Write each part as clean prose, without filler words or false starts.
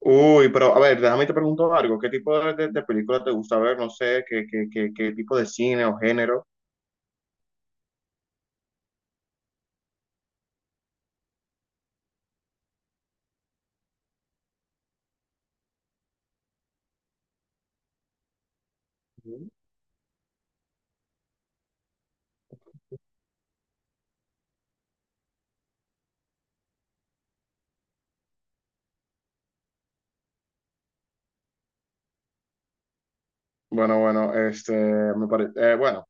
Uy, pero a ver, déjame te pregunto algo. ¿Qué tipo de película te gusta ver? No sé, ¿qué tipo de cine o género? Ujú. Bueno, me parece, bueno,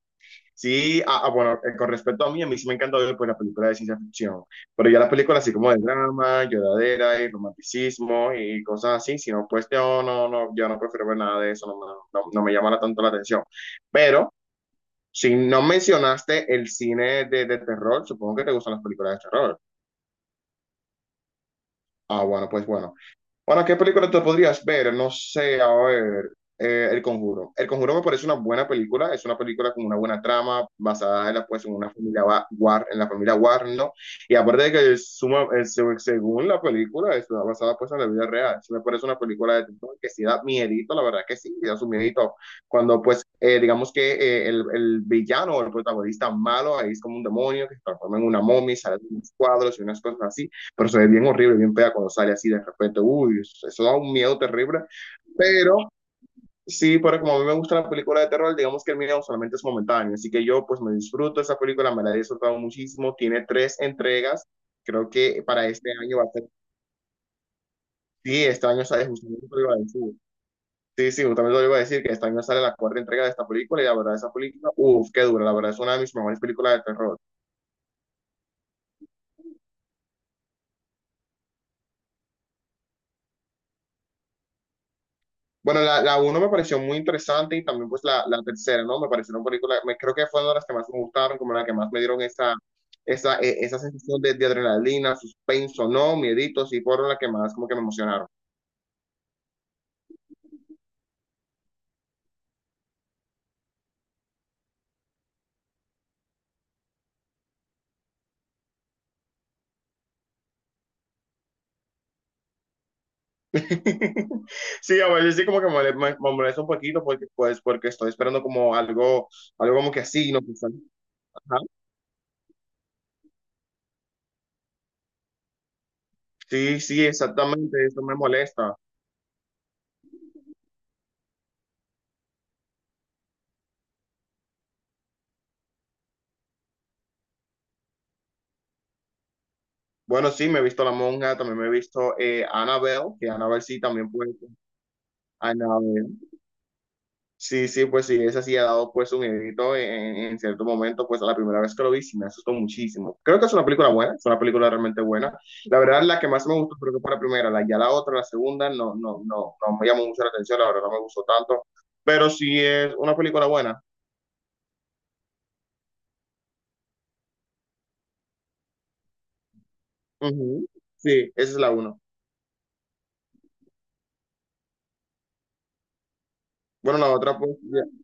sí, bueno, con respecto a mí sí me encanta ver pues, la película de ciencia ficción, pero ya las películas así como de drama, lloradera y romanticismo y cosas así, si no, pues yo no prefiero ver nada de eso, no, no, no me llama tanto la atención. Pero, si no mencionaste el cine de terror, supongo que te gustan las películas de terror. Ah, bueno, pues bueno. Bueno, ¿qué película te podrías ver? No sé, a ver, El Conjuro. El Conjuro me parece una buena película, es una película con una buena trama, basada en la, pues, en una familia War, en la familia Warren, ¿no? Y aparte de que es suma, según la película, es basada pues en la vida real. Sí me parece una película de terror que sí da miedito, la verdad que sí, da su miedito. Cuando pues, digamos que el villano o el protagonista malo ahí es como un demonio que se transforma en una momia, y sale de unos cuadros y unas cosas así, pero se ve bien horrible, bien fea cuando sale así de repente. Uy, eso da un miedo terrible. Pero sí, pero como a mí me gusta la película de terror, digamos que el miedo solamente es momentáneo. Así que yo pues me disfruto esa película, me la he disfrutado muchísimo. Tiene tres entregas. Creo que para este año va a ser, sí, este año sale, justamente lo iba a decir. Sí, sí, justamente lo iba a decir, que este año sale la cuarta entrega de esta película y la verdad esa película, uff, qué dura, la verdad es una de mis mejores películas de terror. Bueno, la uno me pareció muy interesante y también pues la tercera, ¿no? Me parecieron películas, me, creo que fue una de las que más me gustaron, como la que más me dieron esa, esa, esa sensación de adrenalina, suspenso, ¿no? Mieditos y fueron las que más como que me emocionaron. Sí, a veces sí como que me molesta un poquito porque, pues, porque estoy esperando como algo, algo como que así, ¿no? Que sal- Ajá. Sí, sí, exactamente, eso me molesta. Bueno, sí, me he visto La Monja, también me he visto Annabelle, que Annabelle sí también puede. Sí, sí, pues sí, esa sí ha dado pues un edito en cierto momento, pues a la primera vez que lo vi sí me asustó muchísimo. Creo que es una película buena, es una película realmente buena. La verdad, la que más me gustó creo que fue la primera, la, ya la otra, la segunda, no, no, no, no me llamó mucho la atención, la verdad no me gustó tanto, pero sí es una película buena. Ujú. Sí, esa es la uno. Bueno, la otra pues, ya-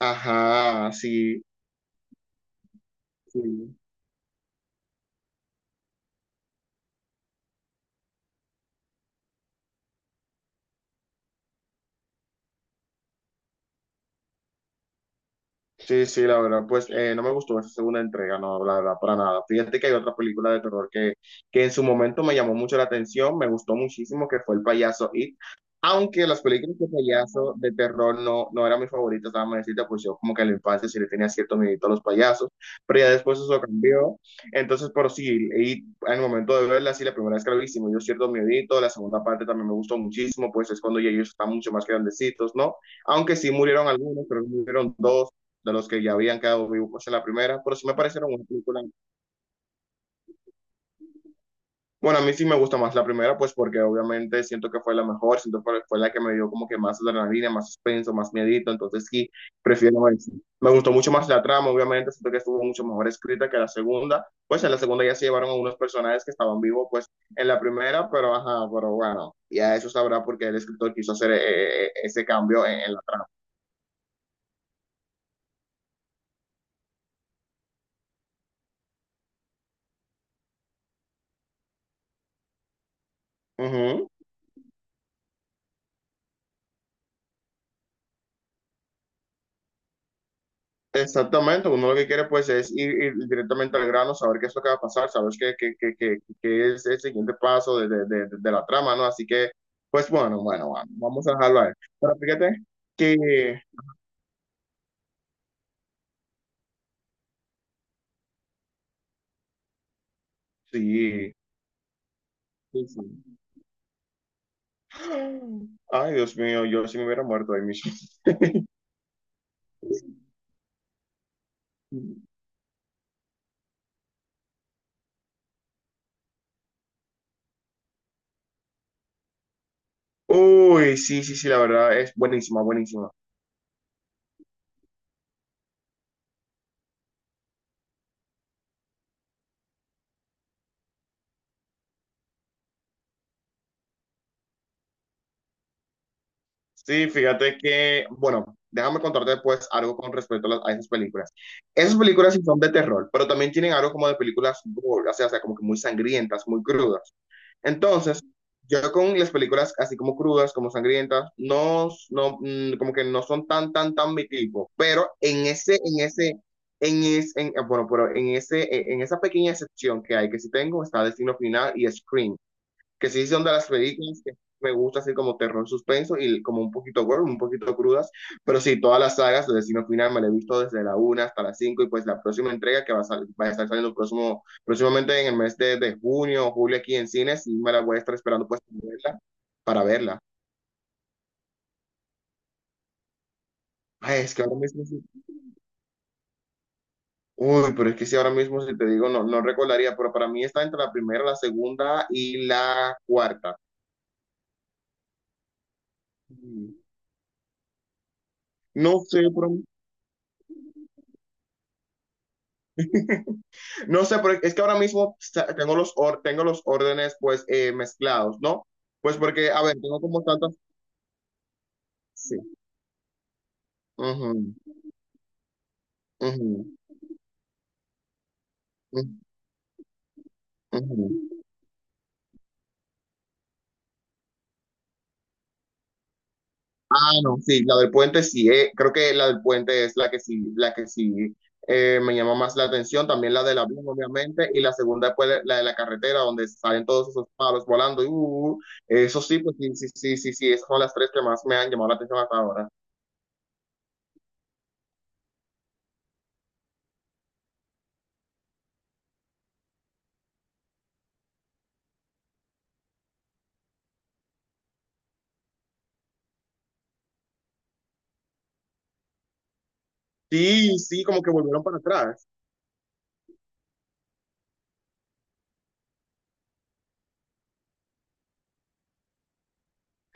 ajá, sí, sí. Sí, sí, la verdad, pues no me gustó esa segunda entrega, no, la verdad, para nada. Fíjate que hay otra película de terror que en su momento me llamó mucho la atención, me gustó muchísimo, que fue El Payaso It. Aunque las películas de payaso de terror no, no eran mis favoritas, déjame decirte, pues yo como que en la infancia sí le tenía cierto miedo a los payasos, pero ya después eso cambió. Entonces, pero sí, y en el momento de verla, sí, la primera vez que la vi, sí me dio cierto miedito, la segunda parte también me gustó muchísimo, pues es cuando ya ellos están mucho más grandecitos, ¿no? Aunque sí murieron algunos, pero murieron dos de los que ya habían quedado vivos en la primera, pero sí me parecieron una película. Bueno, a mí sí me gusta más la primera, pues porque obviamente siento que fue la mejor, siento que fue la que me dio como que más adrenalina, más suspenso, más miedito, entonces sí, prefiero eso. Me gustó mucho más la trama, obviamente, siento que estuvo mucho mejor escrita que la segunda, pues en la segunda ya se llevaron a unos personajes que estaban vivos, pues en la primera, pero ajá, pero bueno, ya eso sabrá porque el escritor quiso hacer ese cambio en la trama. Uh -huh. Exactamente, uno lo que quiere pues es ir, ir directamente al grano, saber qué es lo que va a pasar, saber qué es el siguiente paso de la trama, ¿no? Así que, pues bueno, bueno, bueno, vamos a dejarlo ahí. Pero fíjate que sí, sí, sí. Ay, Dios mío, yo sí me hubiera muerto ahí mismo. Uy, sí, sí, sí, la verdad es buenísima, buenísima. Sí, fíjate que, bueno, déjame contarte después algo con respecto a, a esas películas. Esas películas sí son de terror, pero también tienen algo como de películas gore, o sea, como que muy sangrientas, muy crudas. Entonces, yo con las películas así como crudas, como sangrientas, no, no, mm, como que no son tan mi tipo, pero bueno, pero en ese, en esa pequeña excepción que hay, que sí tengo, está Destino Final y Scream, que sí son de las películas que me gusta así como terror suspenso y como un poquito gore, un poquito crudas, pero sí, todas las sagas de Destino Final me las he visto desde la una hasta la 5 y pues la próxima entrega que va a, sal- va a estar saliendo próximo, próximamente en el mes de junio o julio aquí en cines y me la voy a estar esperando pues para verla. Para verla. Ay, es que ahora mismo, sí- uy, pero es que si ahora mismo si te digo no, no recordaría, pero para mí está entre la primera, la segunda y la cuarta. Mm. No sé, pero... No sé, pero es que ahora mismo tengo los, or- tengo los órdenes pues mezclados, ¿no? Pues porque, a ver, tengo como tantas... Sí. Ujú, ujú, ujú, ujú. Ah, no, sí, la del puente sí, creo que la del puente es la que sí me llama más la atención, también la del avión, obviamente, y la segunda pues la de la carretera, donde salen todos esos palos volando, y, uh. Eso sí, pues sí, sí, sí, sí, sí, esas son las tres que más me han llamado la atención hasta ahora. Sí, sí, como que volvieron para atrás.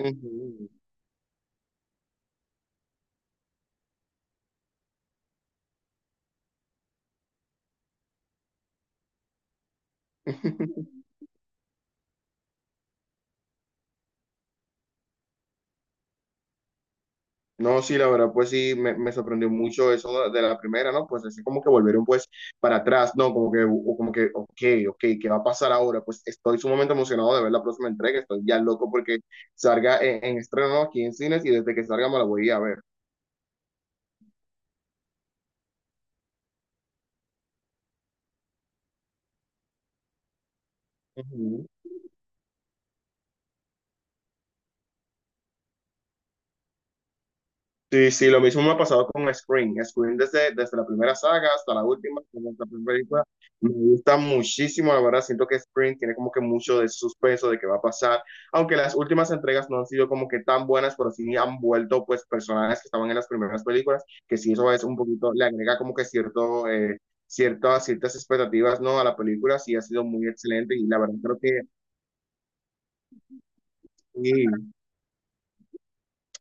Ujú. No, sí, la verdad, pues sí, me sorprendió mucho eso de la primera, ¿no? Pues así como que volvieron pues para atrás, ¿no? Como que, o como que, ok, ok, ¿qué va a pasar ahora? Pues estoy sumamente emocionado de ver la próxima entrega, estoy ya loco porque salga en estreno, ¿no? Aquí en cines y desde que salga me la voy a ir a ver. Ujú. Sí, sí, lo mismo me ha pasado con Scream. Scream desde, desde la primera saga hasta la última, como esta primera película, me gusta muchísimo, la verdad. Siento que Scream tiene como que mucho de suspenso de qué va a pasar. Aunque las últimas entregas no han sido como que tan buenas, pero sí han vuelto pues personajes que estaban en las primeras películas, que sí eso es un poquito, le agrega como que cierto, ciertas, ciertas expectativas, ¿no? A la película, sí ha sido muy excelente y la verdad creo que sí.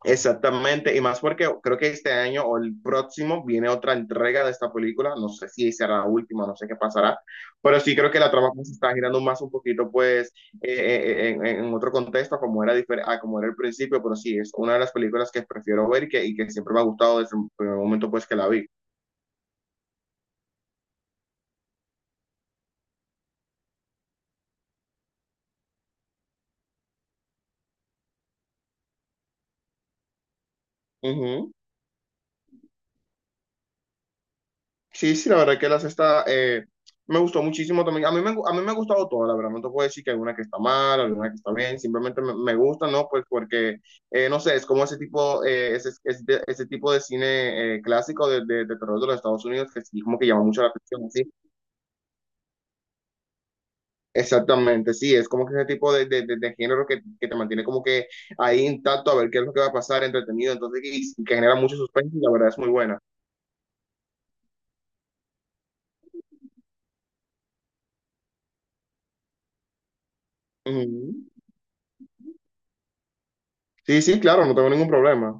Exactamente, y más porque creo que este año o el próximo viene otra entrega de esta película, no sé si será la última, no sé qué pasará, pero sí creo que la trama pues, se está girando más un poquito pues en otro contexto como era, difer- a como era el principio, pero sí, es una de las películas que prefiero ver y que siempre me ha gustado desde el primer momento pues que la vi. Ujú. Sí, sí, la verdad que la cesta me gustó muchísimo también. A mí me ha gustado toda, la verdad. No te puedo decir que hay una que está mal, alguna que está bien. Simplemente me, me gusta, ¿no? Pues porque, no sé, es como ese tipo, ese, ese, ese tipo de cine clásico de terror de los Estados Unidos que sí, como que llama mucho la atención, sí. Exactamente, sí. Es como que ese tipo de género que te mantiene como que ahí intacto a ver qué es lo que va a pasar, entretenido. Entonces, y que genera mucho suspenso y la verdad es muy buena. Ujú. Sí, sí, claro, no tengo ningún problema.